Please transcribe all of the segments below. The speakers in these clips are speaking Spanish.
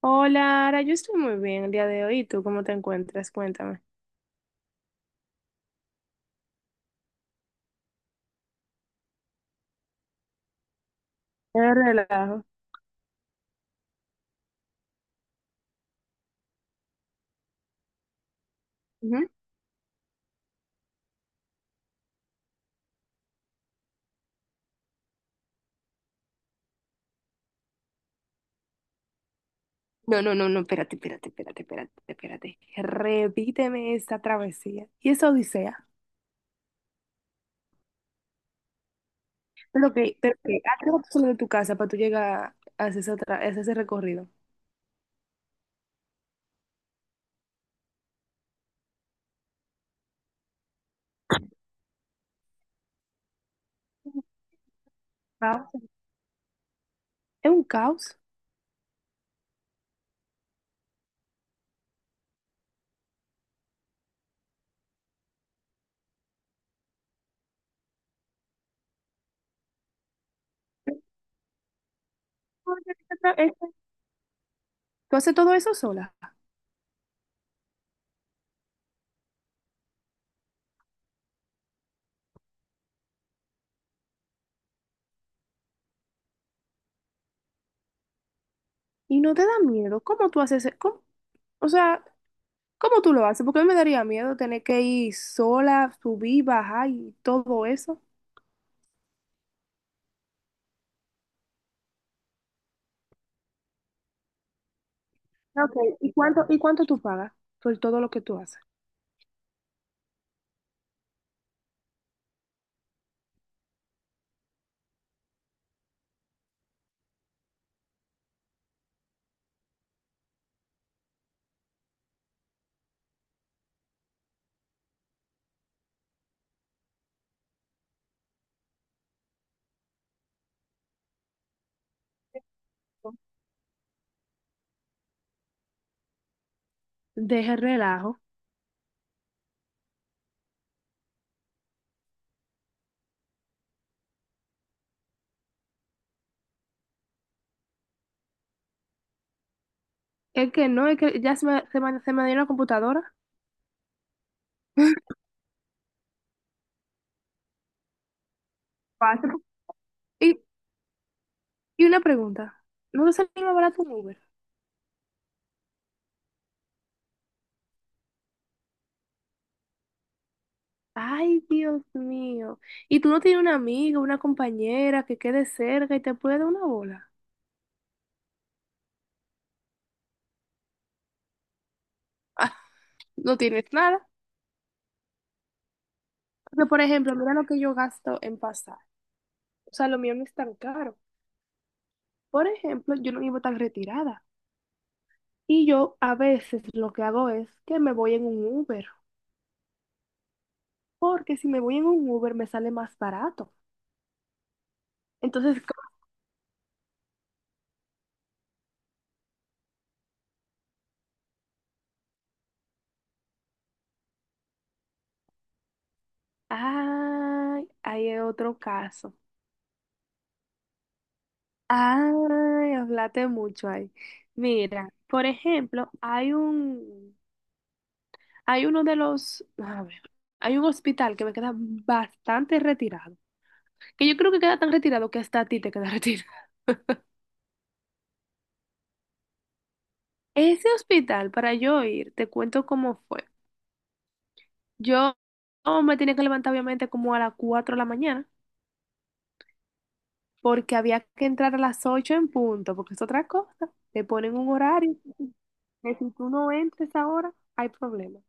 Hola, Ara, yo estoy muy bien el día de hoy. ¿Y tú cómo te encuentras? Cuéntame. Qué relajo. Ujú. No, no, no, no, espérate, espérate, espérate, espérate, espérate. Repíteme esta travesía y esa odisea. Pero que, ¿a qué hora tú sales de tu casa para tú llegar a hacer a hacer ese recorrido? Un Caos. Es un caos. Tú haces todo eso sola y no te da miedo. ¿Cómo tú haces? O sea, ¿cómo tú lo haces? Porque a mí me daría miedo tener que ir sola, subir, bajar y todo eso. Ok, ¿y cuánto tú pagas por todo lo que tú haces? Deje el relajo. Es que no, es que ya se me dio la computadora. Cuatro. Y, y una pregunta, ¿no te salió más barato un Uber? Ay, Dios mío. ¿Y tú no tienes una amiga, una compañera que quede cerca y te puede dar una bola? Ah, no tienes nada. Pero, por ejemplo, mira lo que yo gasto en pasar. O sea, lo mío no es tan caro. Por ejemplo, yo no vivo tan retirada. Y yo a veces lo que hago es que me voy en un Uber. Porque si me voy en un Uber me sale más barato. Entonces, ay, ahí hay otro caso. Ay, hablaste mucho ahí. Mira, por ejemplo, hay un, hay uno de los, a ver, hay un hospital que me queda bastante retirado, que yo creo que queda tan retirado que hasta a ti te queda retirado. Ese hospital, para yo ir, te cuento cómo fue. Yo me tenía que levantar obviamente como a las 4 de la mañana porque había que entrar a las 8 en punto, porque es otra cosa. Te ponen un horario, que si tú no entres ahora, hay problema.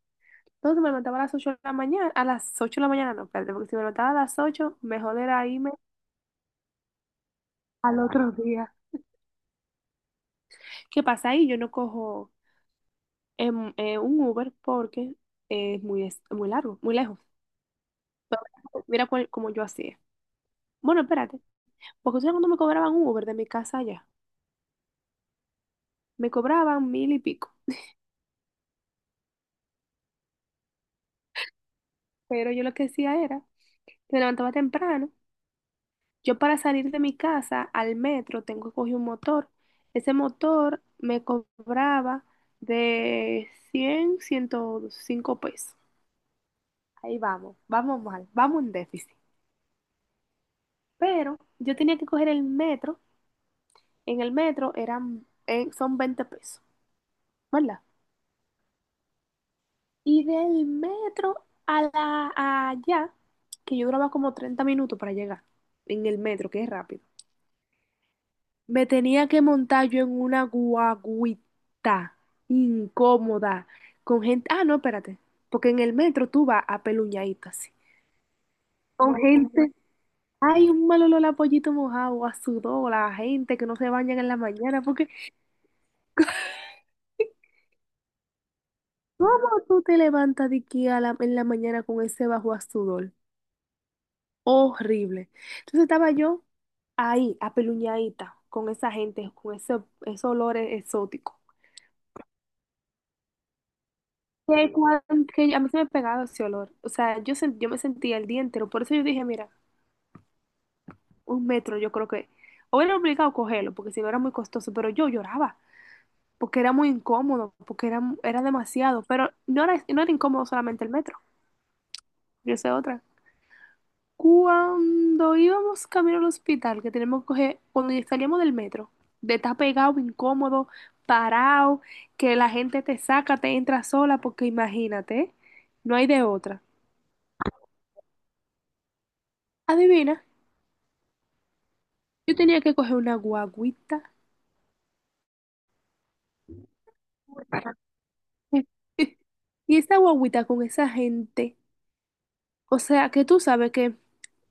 Entonces me levantaba a las 8 de la mañana, a las 8 de la mañana no, espérate, porque si me levantaba a las 8 mejor era irme al otro día. ¿Qué pasa ahí? Yo no cojo un Uber porque muy largo, muy lejos. Pero mira cómo yo hacía. Bueno, espérate, porque ustedes cuando me cobraban un Uber de mi casa allá, me cobraban mil y pico. Pero yo lo que hacía era, me levantaba temprano. Yo para salir de mi casa al metro tengo que coger un motor. Ese motor me cobraba de 100, 105 pesos. Ahí vamos, vamos mal, vamos en déficit. Pero yo tenía que coger el metro. En el metro eran, son 20 pesos, ¿verdad? Y del metro a allá, que yo duraba como 30 minutos para llegar en el metro, que es rápido. Me tenía que montar yo en una guaguita incómoda con gente. Ah, no, espérate. Porque en el metro tú vas apeluñadito así. Con gente. Hay un mal olor a pollito mojado, a sudor, a gente que no se bañan en la mañana. Porque, ¿cómo tú te levantas de aquí en la mañana con ese bajo a sudor? Horrible. Entonces estaba yo ahí, apeluñadita, con esa gente, con ese, esos olores exóticos. que, cuan- que a mí se me pegaba ese olor. O sea, yo me sentía el día entero. Por eso yo dije, mira, un metro yo creo que... O era obligado a cogerlo, porque si no era muy costoso, pero yo lloraba, porque era muy incómodo, porque era demasiado. Pero no era incómodo solamente el metro, yo sé otra. Cuando íbamos camino al hospital, que tenemos que coger, cuando salíamos del metro, de estar pegado, incómodo, parado, que la gente te saca, te entra sola, porque imagínate, no hay de otra. Adivina. Yo tenía que coger una guaguita. Y esa guaguita con esa gente, o sea, que tú sabes que,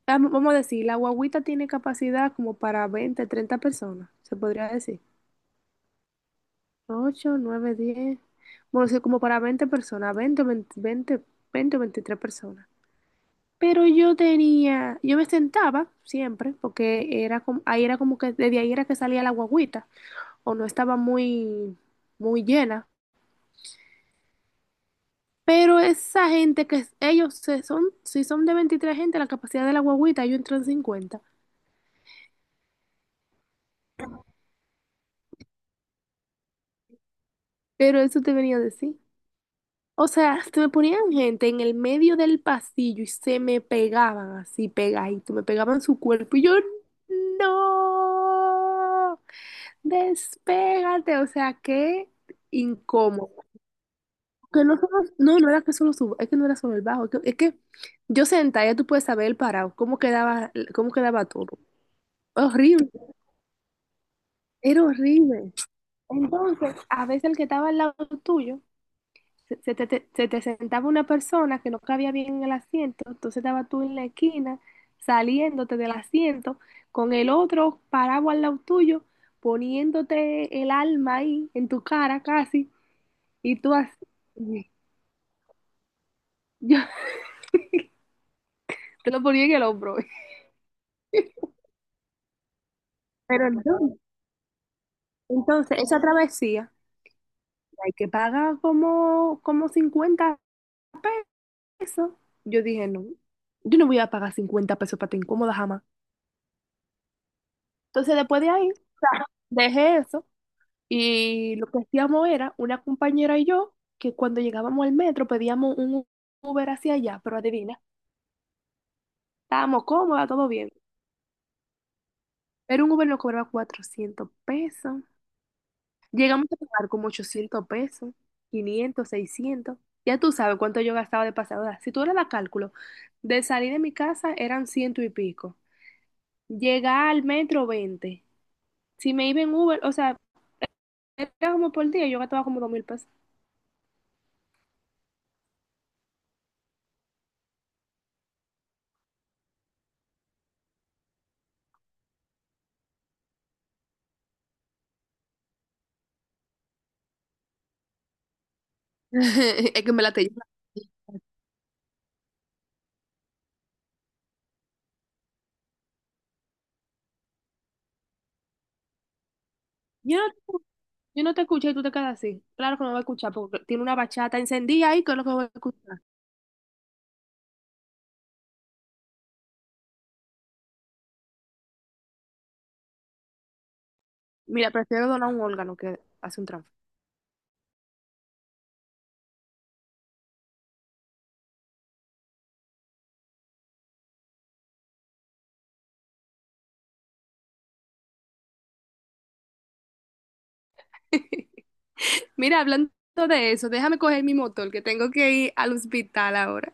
ah, vamos a decir, la guaguita tiene capacidad como para 20 30 personas, se podría decir. Ocho 9 diez, bueno, sí, como para 20 personas, 20 20 20 20 o 23 personas. Pero yo tenía, yo me sentaba siempre, porque era como, ahí era como que, desde ahí era que salía la guaguita o no estaba muy, muy llena. Pero esa gente ellos se son, si son de 23 gente, la capacidad de la guagüita, yo entro en 50. Pero eso te venía a decir. O sea, se me ponían gente en el medio del pasillo y se me pegaban así, pegadito, me pegaban su cuerpo y yo, no, despégate, o sea, qué incómodo. Que no, no, no era que solo subo, es que no era solo el bajo, es que yo sentada, ya tú puedes saber el parado, cómo quedaba todo. Horrible, era horrible. Entonces, a veces el que estaba al lado tuyo, se te sentaba una persona que no cabía bien en el asiento, entonces estaba tú en la esquina, saliéndote del asiento, con el otro parado al lado tuyo, poniéndote el alma ahí, en tu cara casi, y tú así, yo te lo ponía en el hombro. Pero entonces, esa travesía, hay que pagar como 50 pesos. Yo dije, no, yo no voy a pagar 50 pesos para te incómoda jamás. Entonces, después de ahí, dejé eso y lo que hacíamos era una compañera y yo que cuando llegábamos al metro pedíamos un Uber hacia allá, pero adivina, estábamos cómodas, todo bien. Pero un Uber nos cobraba 400 pesos. Llegamos a pagar como 800 pesos, 500 seiscientos. Ya tú sabes cuánto yo gastaba de pasada. Si tú eras la cálculo, de salir de mi casa eran ciento y pico. Llegar al metro, 20. Si me iba en Uber, o sea, era como por día, yo gastaba como 2,000 pesos. Es que me la te. Yo no, te- yo no te escuché y tú te quedas así. Claro que no voy a escuchar porque tiene una bachata encendida ahí, que es lo que voy a escuchar. Mira, prefiero donar un órgano que hacer un trance. Mira, hablando de eso, déjame coger mi motor, que tengo que ir al hospital ahora.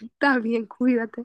Está bien, cuídate.